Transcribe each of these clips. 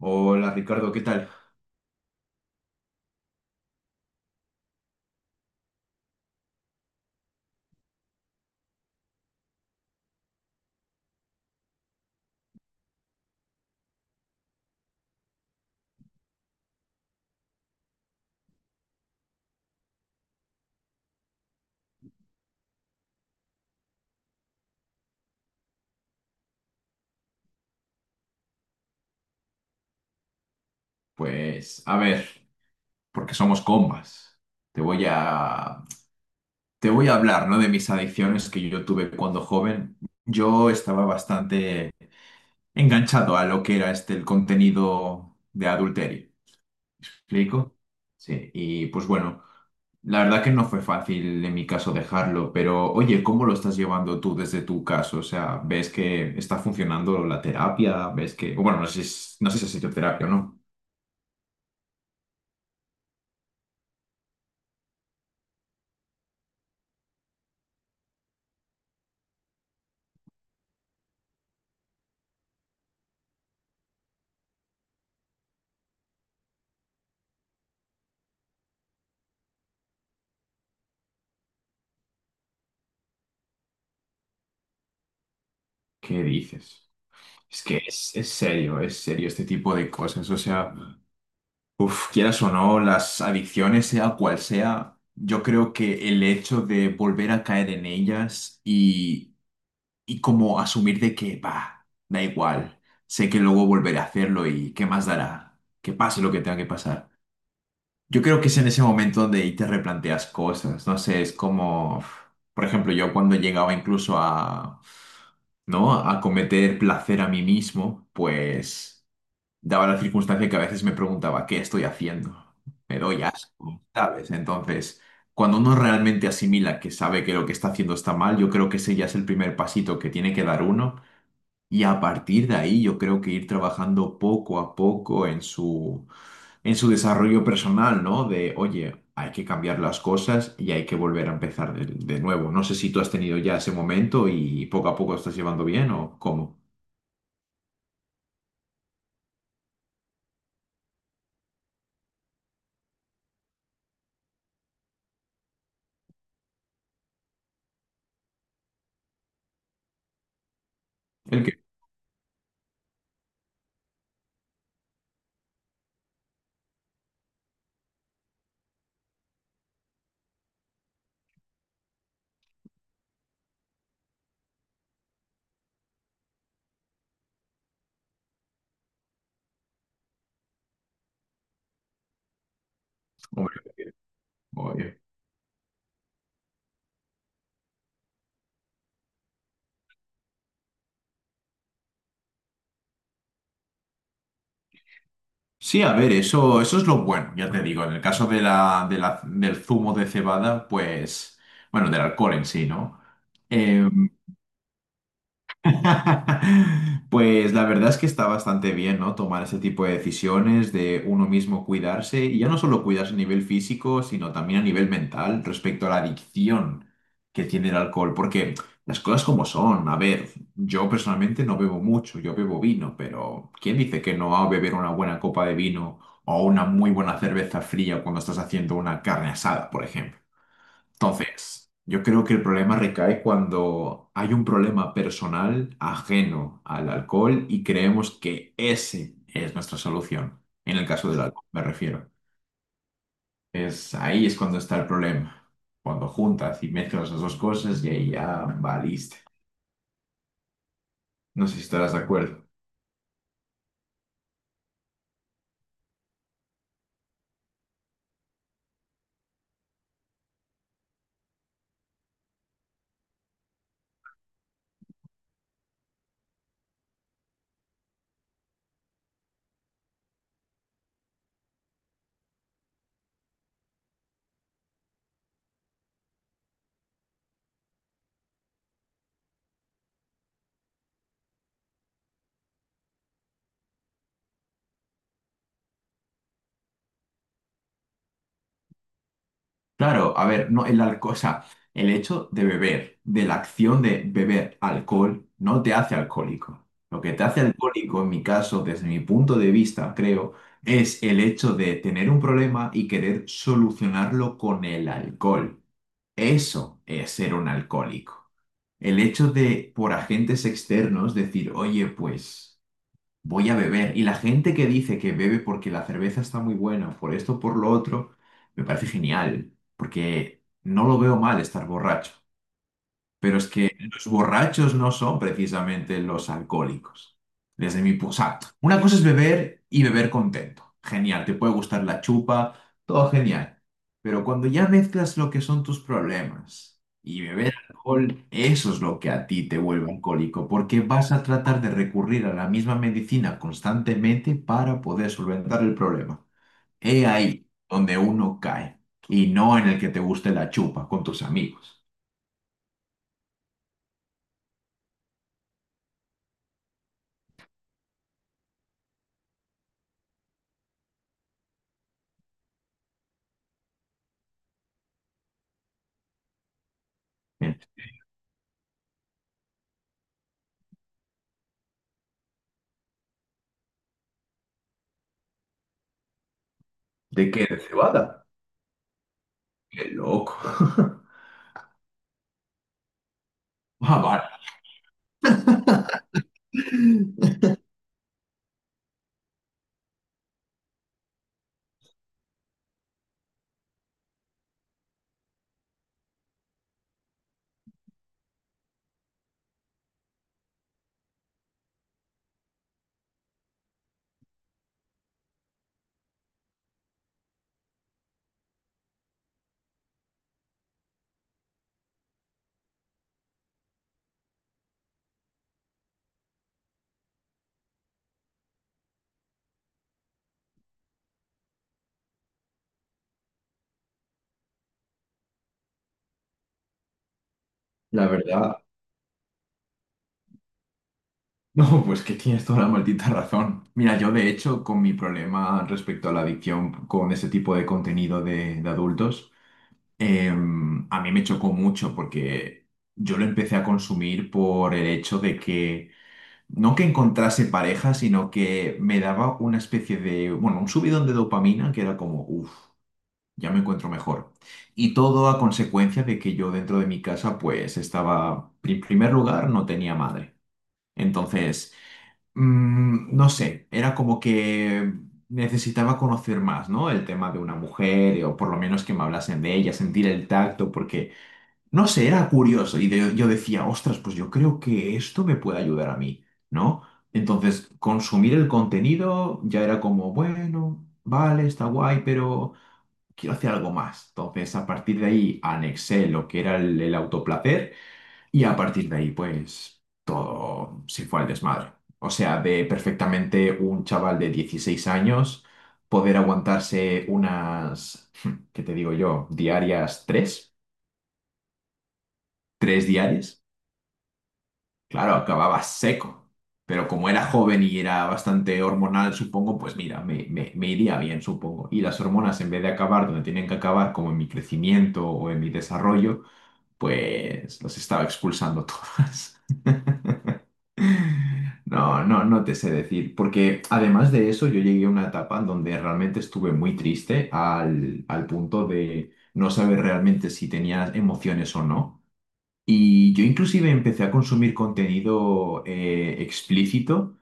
Hola Ricardo, ¿qué tal? Pues a ver, porque somos combas. Te voy a te voy a hablar, ¿no? De mis adicciones que yo tuve cuando joven. Yo estaba bastante enganchado a lo que era este el contenido de adulterio. ¿Me ¿Explico? Sí, y pues bueno, la verdad que no fue fácil en mi caso dejarlo, pero oye, ¿cómo lo estás llevando tú desde tu caso? O sea, ¿ves que está funcionando la terapia? ¿Ves que, bueno, no sé, no sé si ha sido terapia o no? ¿Qué dices? Es que es serio, es serio este tipo de cosas. O sea, uf, quieras o no, las adicciones, sea cual sea, yo creo que el hecho de volver a caer en ellas y como asumir de que, va, da igual, sé que luego volveré a hacerlo y qué más dará, que pase lo que tenga que pasar. Yo creo que es en ese momento donde ahí te replanteas cosas. No sé, es como, uf, por ejemplo, yo cuando llegaba incluso a, ¿no? A cometer placer a mí mismo, pues daba la circunstancia que a veces me preguntaba, ¿qué estoy haciendo? Me doy asco, ¿sabes? Entonces, cuando uno realmente asimila que sabe que lo que está haciendo está mal, yo creo que ese ya es el primer pasito que tiene que dar uno. Y a partir de ahí, yo creo que ir trabajando poco a poco en su desarrollo personal, ¿no? De, oye, hay que cambiar las cosas y hay que volver a empezar de nuevo. No sé si tú has tenido ya ese momento y poco a poco estás llevando bien o cómo. El que, hombre, oye. Sí, a ver, eso es lo bueno, ya te digo, en el caso de del zumo de cebada, pues, bueno, del alcohol en sí, ¿no? Em, Pues la verdad es que está bastante bien, ¿no? Tomar ese tipo de decisiones de uno mismo cuidarse y ya no solo cuidarse a nivel físico, sino también a nivel mental respecto a la adicción que tiene el alcohol, porque las cosas como son, a ver, yo personalmente no bebo mucho, yo bebo vino, pero ¿quién dice que no va a beber una buena copa de vino o una muy buena cerveza fría cuando estás haciendo una carne asada, por ejemplo? Entonces, yo creo que el problema recae cuando hay un problema personal ajeno al alcohol y creemos que ese es nuestra solución. En el caso del alcohol, me refiero. Es ahí es cuando está el problema. Cuando juntas y mezclas las dos cosas y ahí ya valiste. No sé si estarás de acuerdo. Claro, a ver, no, el alcohol, o sea, el hecho de beber, de la acción de beber alcohol, no te hace alcohólico. Lo que te hace alcohólico, en mi caso, desde mi punto de vista, creo, es el hecho de tener un problema y querer solucionarlo con el alcohol. Eso es ser un alcohólico. El hecho de, por agentes externos, decir, oye, pues voy a beber. Y la gente que dice que bebe porque la cerveza está muy buena, por esto, por lo otro, me parece genial, porque no lo veo mal estar borracho. Pero es que los borrachos no son precisamente los alcohólicos. Desde mi punto. O sea, una cosa es beber y beber contento. Genial, te puede gustar la chupa, todo genial. Pero cuando ya mezclas lo que son tus problemas y beber alcohol, eso es lo que a ti te vuelve alcohólico, porque vas a tratar de recurrir a la misma medicina constantemente para poder solventar el problema. He ahí donde uno cae y no en el que te guste la chupa con tus amigos. ¿De qué? ¿De cebada? ¡Qué loco! Ah, vale. La verdad, no, pues que tienes toda la maldita razón. Mira, yo de hecho, con mi problema respecto a la adicción con ese tipo de contenido de adultos, a mí me chocó mucho porque yo lo empecé a consumir por el hecho de que, no que encontrase pareja, sino que me daba una especie de, bueno, un subidón de dopamina que era como, uff. Ya me encuentro mejor. Y todo a consecuencia de que yo dentro de mi casa pues estaba, en primer lugar, no tenía madre. Entonces, no sé, era como que necesitaba conocer más, ¿no? El tema de una mujer, o por lo menos que me hablasen de ella, sentir el tacto, porque, no sé, era curioso. Y de- yo decía, ostras, pues yo creo que esto me puede ayudar a mí, ¿no? Entonces, consumir el contenido ya era como, bueno, vale, está guay, pero quiero hacer algo más. Entonces, a partir de ahí, anexé lo que era el autoplacer y a partir de ahí, pues, todo se fue al desmadre. O sea, de perfectamente un chaval de 16 años poder aguantarse unas, ¿qué te digo yo? Diarias tres diarias. Claro, acababa seco. Pero como era joven y era bastante hormonal, supongo, pues mira, me iría bien, supongo. Y las hormonas, en vez de acabar donde tienen que acabar, como en mi crecimiento o en mi desarrollo, pues los estaba expulsando todas. No, no, no te sé decir, porque además de eso yo llegué a una etapa en donde realmente estuve muy triste al punto de no saber realmente si tenía emociones o no. Y yo inclusive empecé a consumir contenido explícito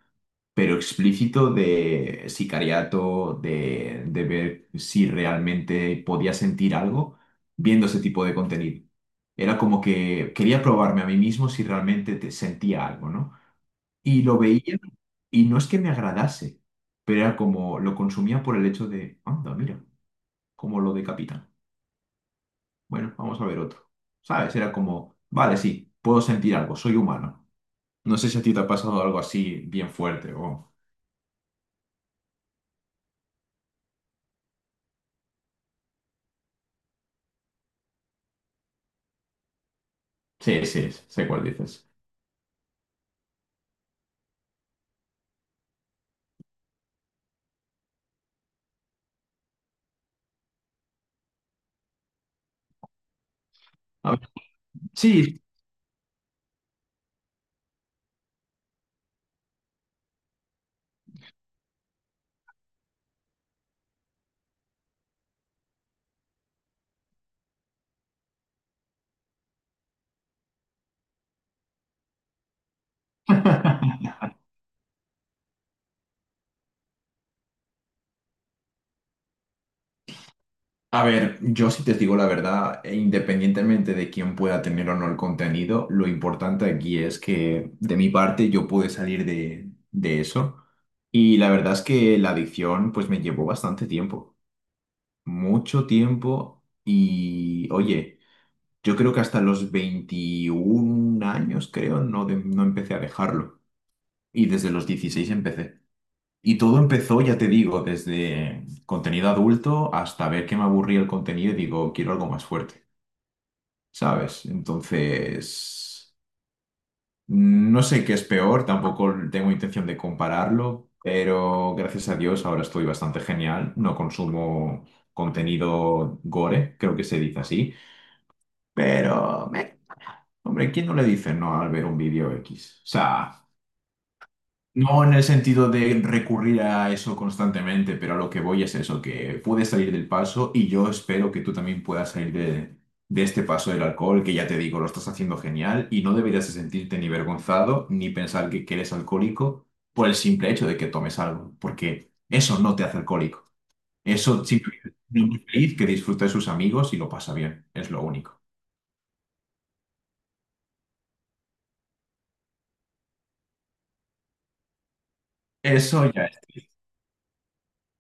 pero explícito de sicariato, de ver si realmente podía sentir algo viendo ese tipo de contenido. Era como que quería probarme a mí mismo si realmente te sentía algo, ¿no? Y lo veía y no es que me agradase, pero era como lo consumía por el hecho de, anda, mira, como lo decapitan. Bueno, vamos a ver otro. ¿Sabes? Era como, vale, sí, puedo sentir algo, soy humano. No sé si a ti te ha pasado algo así bien fuerte o... Sí, sí, sé cuál dices. A Sí, A ver, yo si te digo la verdad, e independientemente de quién pueda tener o no el contenido, lo importante aquí es que de mi parte yo pude salir de eso. Y la verdad es que la adicción pues me llevó bastante tiempo, mucho tiempo. Y oye, yo creo que hasta los 21 años creo no, no empecé a dejarlo. Y desde los 16 empecé. Y todo empezó, ya te digo, desde contenido adulto hasta ver que me aburría el contenido y digo, quiero algo más fuerte, ¿sabes? Entonces, no sé qué es peor, tampoco tengo intención de compararlo, pero gracias a Dios ahora estoy bastante genial, no consumo contenido gore, creo que se dice así, pero, meh, hombre, ¿quién no le dice no al ver un vídeo X? O sea... No en el sentido de recurrir a eso constantemente, pero a lo que voy es eso, que puedes salir del paso y yo espero que tú también puedas salir de este paso del alcohol, que ya te digo, lo estás haciendo genial y no deberías de sentirte ni vergonzado ni pensar que, eres alcohólico por el simple hecho de que tomes algo, porque eso no te hace alcohólico. Eso simplemente es un hombre feliz que disfruta de sus amigos y lo pasa bien, es lo único. Eso ya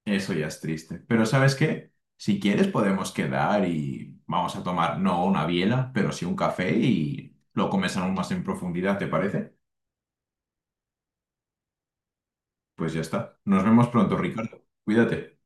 Eso ya es triste. Pero ¿sabes qué? Si quieres podemos quedar y vamos a tomar no una biela, pero sí un café y lo comes aún más en profundidad, ¿te parece? Pues ya está. Nos vemos pronto, Ricardo. Cuídate.